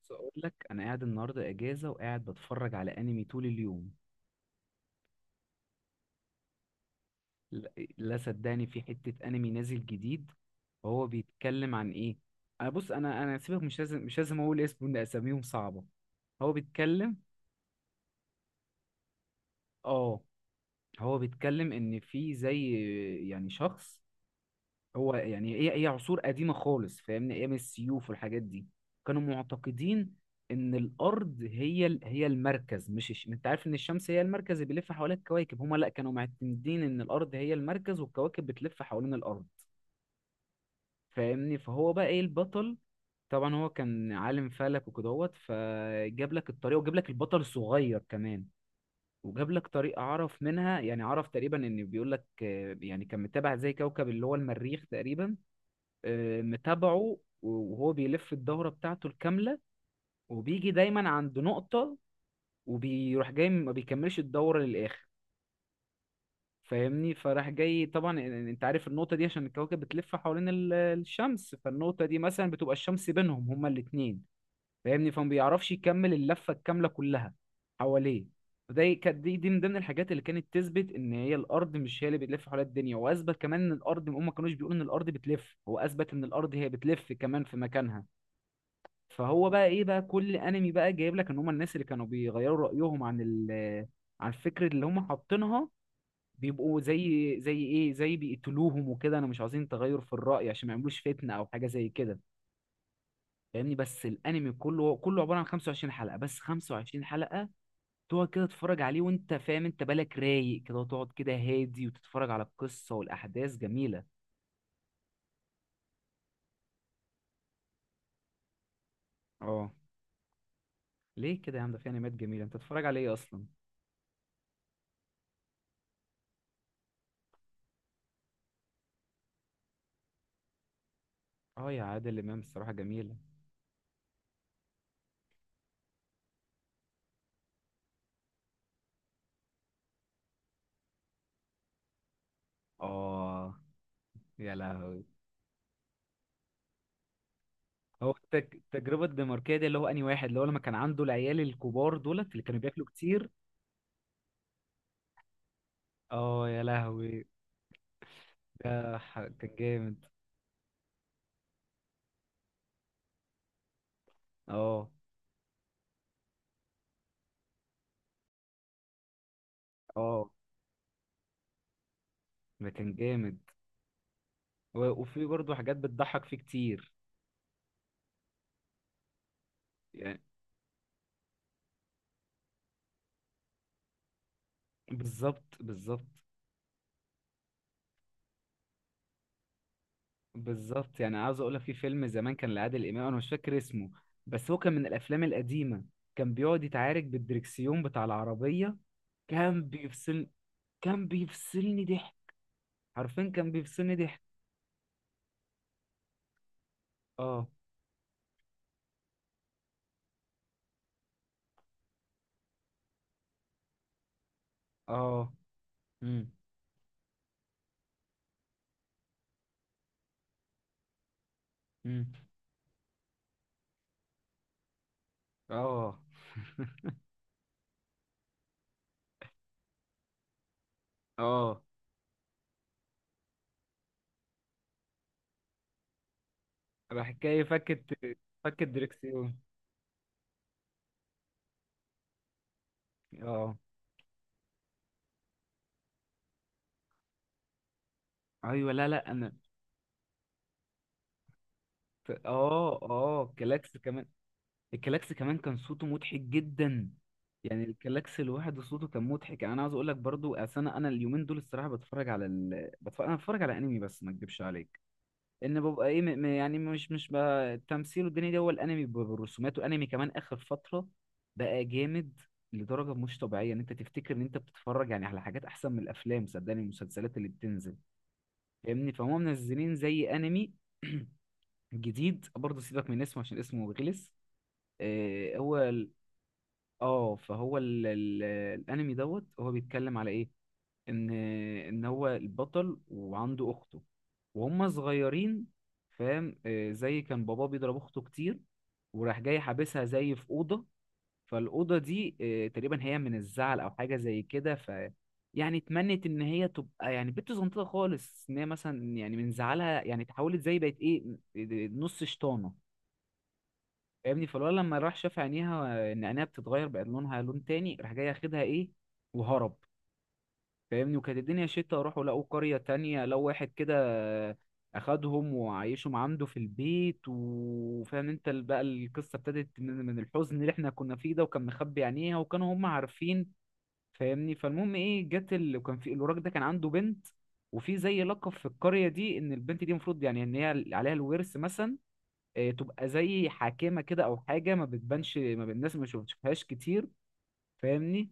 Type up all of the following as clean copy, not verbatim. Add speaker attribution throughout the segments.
Speaker 1: بس اقول لك انا قاعد النهارده اجازه وقاعد بتفرج على انمي طول اليوم. لا، لا صدقني في حته انمي نازل جديد. وهو بيتكلم عن ايه؟ انا بص، انا سيبك، مش لازم اقول اسمه، ان اساميهم صعبه. هو بيتكلم. اه. هو بيتكلم ان في زي يعني شخص. هو يعني هي عصور قديمة خالص، فاهمني؟ ايام السيوف والحاجات دي كانوا معتقدين ان الارض هي المركز، مش الش... انت عارف ان الشمس هي المركز اللي بيلف حوالين الكواكب؟ هما لا، كانوا معتمدين ان الارض هي المركز والكواكب بتلف حوالين الارض. فاهمني؟ فهو بقى ايه البطل؟ طبعا هو كان عالم فلك وكدهوت، فجاب لك الطريقة وجاب لك البطل الصغير كمان. وجاب لك طريقة عرف منها، يعني عرف تقريبا ان، بيقول لك يعني كان متابع زي كوكب اللي هو المريخ تقريبا. متابعه وهو بيلف الدورة بتاعته الكاملة، وبيجي دايما عند نقطة وبيروح جاي، ما بيكملش الدورة للآخر. فاهمني؟ فراح جاي طبعا انت عارف النقطة دي؟ عشان الكواكب بتلف حوالين الشمس، فالنقطة دي مثلا بتبقى الشمس بينهم هما الاتنين. فاهمني؟ فما بيعرفش يكمل اللفة الكاملة كلها حواليه. كانت دي من ضمن الحاجات اللي كانت تثبت ان هي الارض مش هي اللي بتلف حوالين الدنيا، واثبت كمان ان الارض، هم ما كانوش بيقولوا ان الارض بتلف، هو اثبت ان الارض هي بتلف كمان في مكانها. فهو بقى ايه بقى؟ كل انمي بقى جايب لك ان هم الناس اللي كانوا بيغيروا رأيهم عن عن الفكرة اللي هم حاطينها، بيبقوا زي زي ايه زي بيقتلوهم وكده، انا مش عايزين تغير في الرأي عشان ما يعملوش فتنة او حاجة زي كده. فاهمني؟ بس الانمي كله عبارة عن 25 حلقة بس، 25 حلقة تقعد كده تتفرج عليه، وانت فاهم، انت بالك رايق كده وتقعد كده هادي وتتفرج على القصة، والاحداث جميلة. اه. ليه كده يا عم؟ ده في انميات جميلة، انت تتفرج على ايه اصلا؟ اه، يا عادل امام الصراحة جميلة. اه، يا لهوي. هو التجربة الدنماركية دي، اللي هو أنهي واحد؟ اللي هو لما كان عنده العيال الكبار دولت اللي كانوا بياكلوا كتير. اه، يا لهوي. كان جامد. اه. اه. ده كان جامد. و وفي برضه حاجات بتضحك فيه كتير. يعني. بالظبط، بالظبط. بالظبط. يعني عاوز اقول لك، في فيلم زمان كان لعادل امام، انا مش فاكر اسمه، بس هو كان من الافلام القديمه. كان بيقعد يتعارك بالدركسيون بتاع العربيه. كان بيفصل، كان بيفصلني ضحك. عارفين؟ كان بيفصلني ضحك. اه. اه. امم. امم. اه. اه. راح جاي فكت، فكت دريكسيون. اه. ايوه. لا، لا، انا اه، اه، الكلاكس كمان. الكلاكس كمان كان صوته مضحك جدا. يعني الكلاكس لوحده صوته كان مضحك. يعني انا عاوز اقول لك برضو، أصل انا اليومين دول الصراحه بتفرج على انا بتفرج على انمي، بس ما اكدبش عليك ان ببقى ايه يعني مش بقى التمثيل والدنيا دي، هو الانمي بالرسومات، والانمي كمان اخر فتره بقى جامد لدرجه مش طبيعيه، ان انت تفتكر ان انت بتتفرج يعني على حاجات احسن من الافلام، صدقني المسلسلات اللي بتنزل. فاهمني؟ فهم منزلين زي انمي جديد برضه، سيبك من اسمه عشان اسمه غلس. هو اه، فهو الانمي دوت هو بيتكلم على ايه؟ ان ان هو البطل وعنده اخته وهم صغيرين، فاهم؟ زي كان باباه بيضرب اخته كتير، وراح جاي حابسها زي في اوضه. فالاوضه دي تقريبا هي من الزعل او حاجه زي كده، ف يعني اتمنت ان هي تبقى يعني بنت صغنطه خالص، ان هي مثلا يعني من زعلها يعني اتحولت زي بقت ايه، نص شطانه. فاهمني؟ فالولد لما راح شاف عينيها ان عينيها بتتغير بقت لونها لون تاني، راح جاي ياخدها ايه، وهرب. فاهمني؟ وكانت الدنيا شتا، راحوا لقوا قرية تانية لو واحد كده أخدهم وعايشهم عنده في البيت. وفاهم انت بقى القصة ابتدت من من الحزن اللي احنا كنا فيه ده، وكان مخبي عينيها وكانوا هم عارفين. فاهمني؟ فالمهم ايه، جت كان في الوراق ده كان عنده بنت، وفي زي لقب في القرية دي، ان البنت دي المفروض يعني ان هي عليها الورث مثلا، اه، تبقى زي حاكمة كده او حاجة، ما بتبانش، ما بت- الناس ما بتشوفهاش كتير. فاهمني؟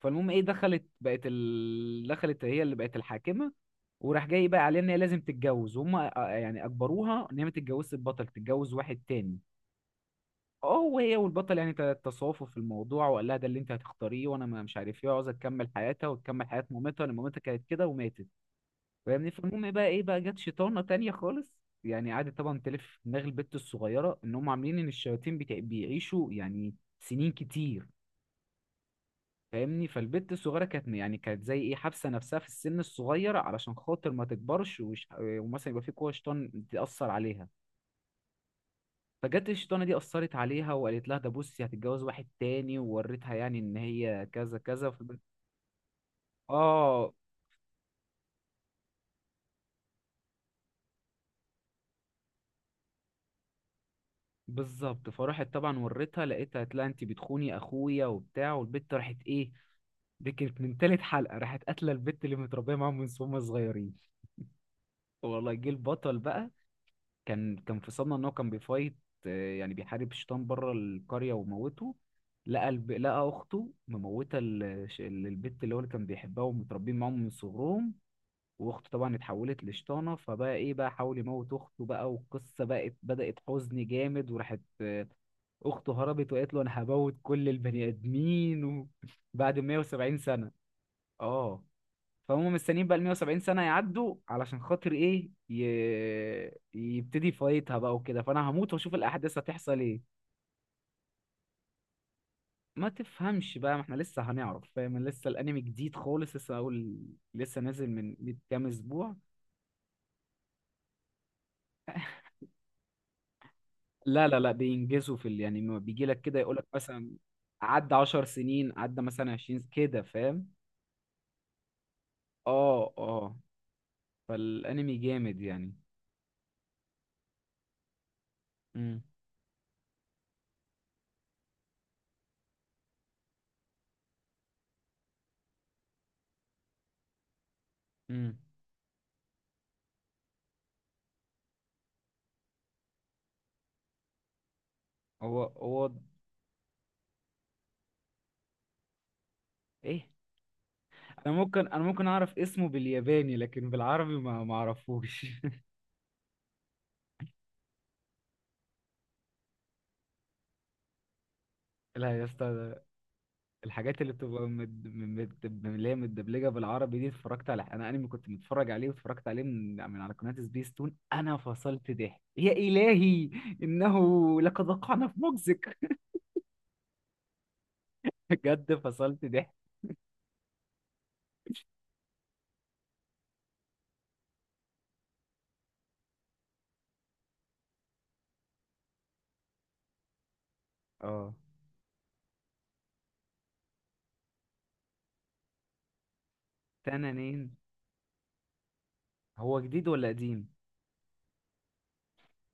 Speaker 1: فالمهم ايه، دخلت بقت دخلت هي اللي بقت الحاكمه، وراح جاي بقى عليها ان هي لازم تتجوز، وهم يعني اجبروها ان هي ما تتجوزش البطل، تتجوز واحد تاني. اه، وهي والبطل يعني تصافوا في الموضوع، وقال لها ده اللي انت هتختاريه، وانا مش عارف ايه، عاوزه تكمل حياتها وتكمل حياه مامتها لان مامتها كانت كده وماتت. فاهمني؟ فالمهم إيه بقى، ايه بقى، جت شيطانه تانية خالص يعني، قعدت طبعا تلف في دماغ البت الصغيره، ان هم عاملين ان الشياطين بيعيشوا يعني سنين كتير. فاهمني؟ فالبت الصغيره كانت يعني كانت زي ايه، حابسه نفسها في السن الصغير علشان خاطر ما تكبرش، ومثلا يبقى في قوه شيطان تاثر عليها. فجت الشيطانه دي اثرت عليها، وقالت لها ده بصي، هتتجوز واحد تاني، ووريتها يعني ان هي كذا كذا ف اه. بالظبط. فراحت طبعا وريتها، لقيتها قالت لها انت بتخوني اخويا وبتاع، والبت راحت ايه، دي كانت من تالت حلقه، راحت قاتله البت اللي متربيه معاهم من وهم صغيرين. والله. جه البطل بقى، كان كان في صدمه ان هو كان بيفايت، يعني بيحارب شيطان بره القريه وموته، لقى لقى اخته مموته البت اللي هو اللي كان بيحبها ومتربين معاهم من صغرهم. واخته طبعا اتحولت لشيطانه، فبقى ايه بقى، حاول يموت اخته بقى، والقصه بقت بدات حزن جامد، وراحت اخته هربت وقالت له انا هموت كل البني ادمين و بعد 170 سنه. اه. فهم مستنيين بقى ال 170 سنة يعدوا علشان خاطر ايه يبتدي فايتها بقى وكده، فانا هموت واشوف الاحداث هتحصل ايه. ما تفهمش بقى، ما احنا لسه هنعرف، فاهم؟ لسه الانمي جديد خالص، لسه اقول، لسه نازل من من كام اسبوع. لا، بينجزوا في يعني ما بيجي لك كده يقول لك مثلا عدى 10 سنين، عدى مثلا 20 كده، فاهم؟ اه. اه. فالانمي جامد يعني. امم. امم. هو هو. ايه؟ انا ممكن اعرف اسمه بالياباني، لكن بالعربي ما اعرفوش لا يا اسطى، الحاجات اللي بتبقى اللي هي متدبلجه بالعربي دي، اتفرجت على انا انمي كنت متفرج عليه واتفرجت عليه من على قناه سبيس تون، انا فصلت ضحك يا الهي. انه لقد وقعنا في مجزك. بجد فصلت ضحك. اه. تنانين. هو جديد ولا قديم؟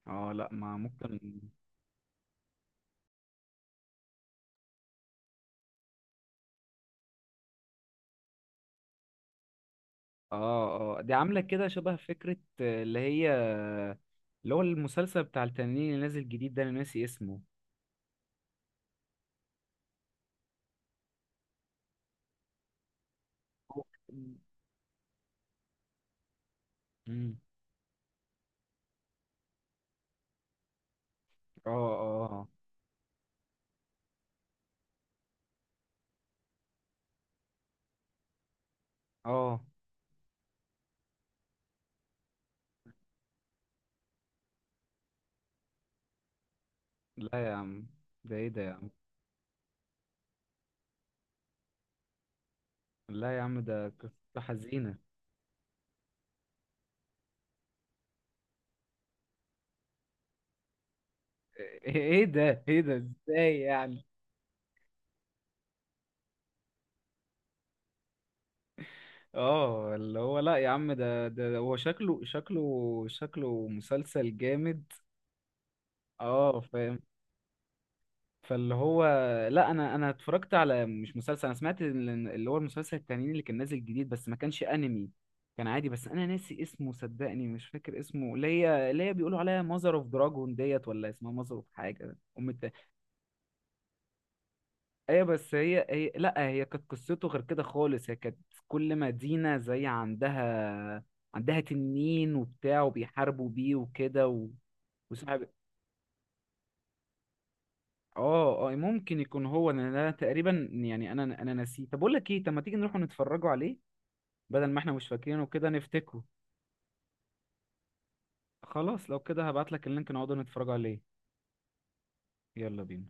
Speaker 1: اه، لا ما ممكن. اه. اه. دي عاملة كده شبه فكرة اللي هي، اللي هو المسلسل بتاع التنين اللي نازل جديد ده، انا ناسي اسمه. هو- مم. اه. اه. اه. آه. لا يا عم، ده ايه ده يا عم. لا يا عم، ده قصة حزينة. ايه إيه ده، ايه ده ازاي يعني؟ اه، اللي هو، لا يا عم، ده ده هو شكله مسلسل جامد. اه، فاهم. فاللي هو، لا انا اتفرجت على مش مسلسل، انا سمعت اللي هو المسلسل التاني اللي كان نازل جديد، بس ما كانش انمي، كان عادي، بس انا ناسي اسمه صدقني، مش فاكر اسمه، اللي هي اللي هي بيقولوا عليها ماذر اوف دراجون ديت، ولا اسمها ماذر اوف حاجه ام التاني. ايوه، بس هي لا، هي كانت قصته غير كده خالص، هي كانت كل مدينه زي عندها، عندها تنين وبتاع وبيحاربوا بيه وكده و اه. اه، ممكن يكون هو، لأن انا تقريبا يعني انا نسيه. طب اقول لك ايه، طب ما تيجي نروح نتفرجوا عليه بدل ما احنا مش فاكرينه كده، نفتكره. خلاص، لو كده هبعت لك اللينك نقعد نتفرجوا عليه. يلا بينا.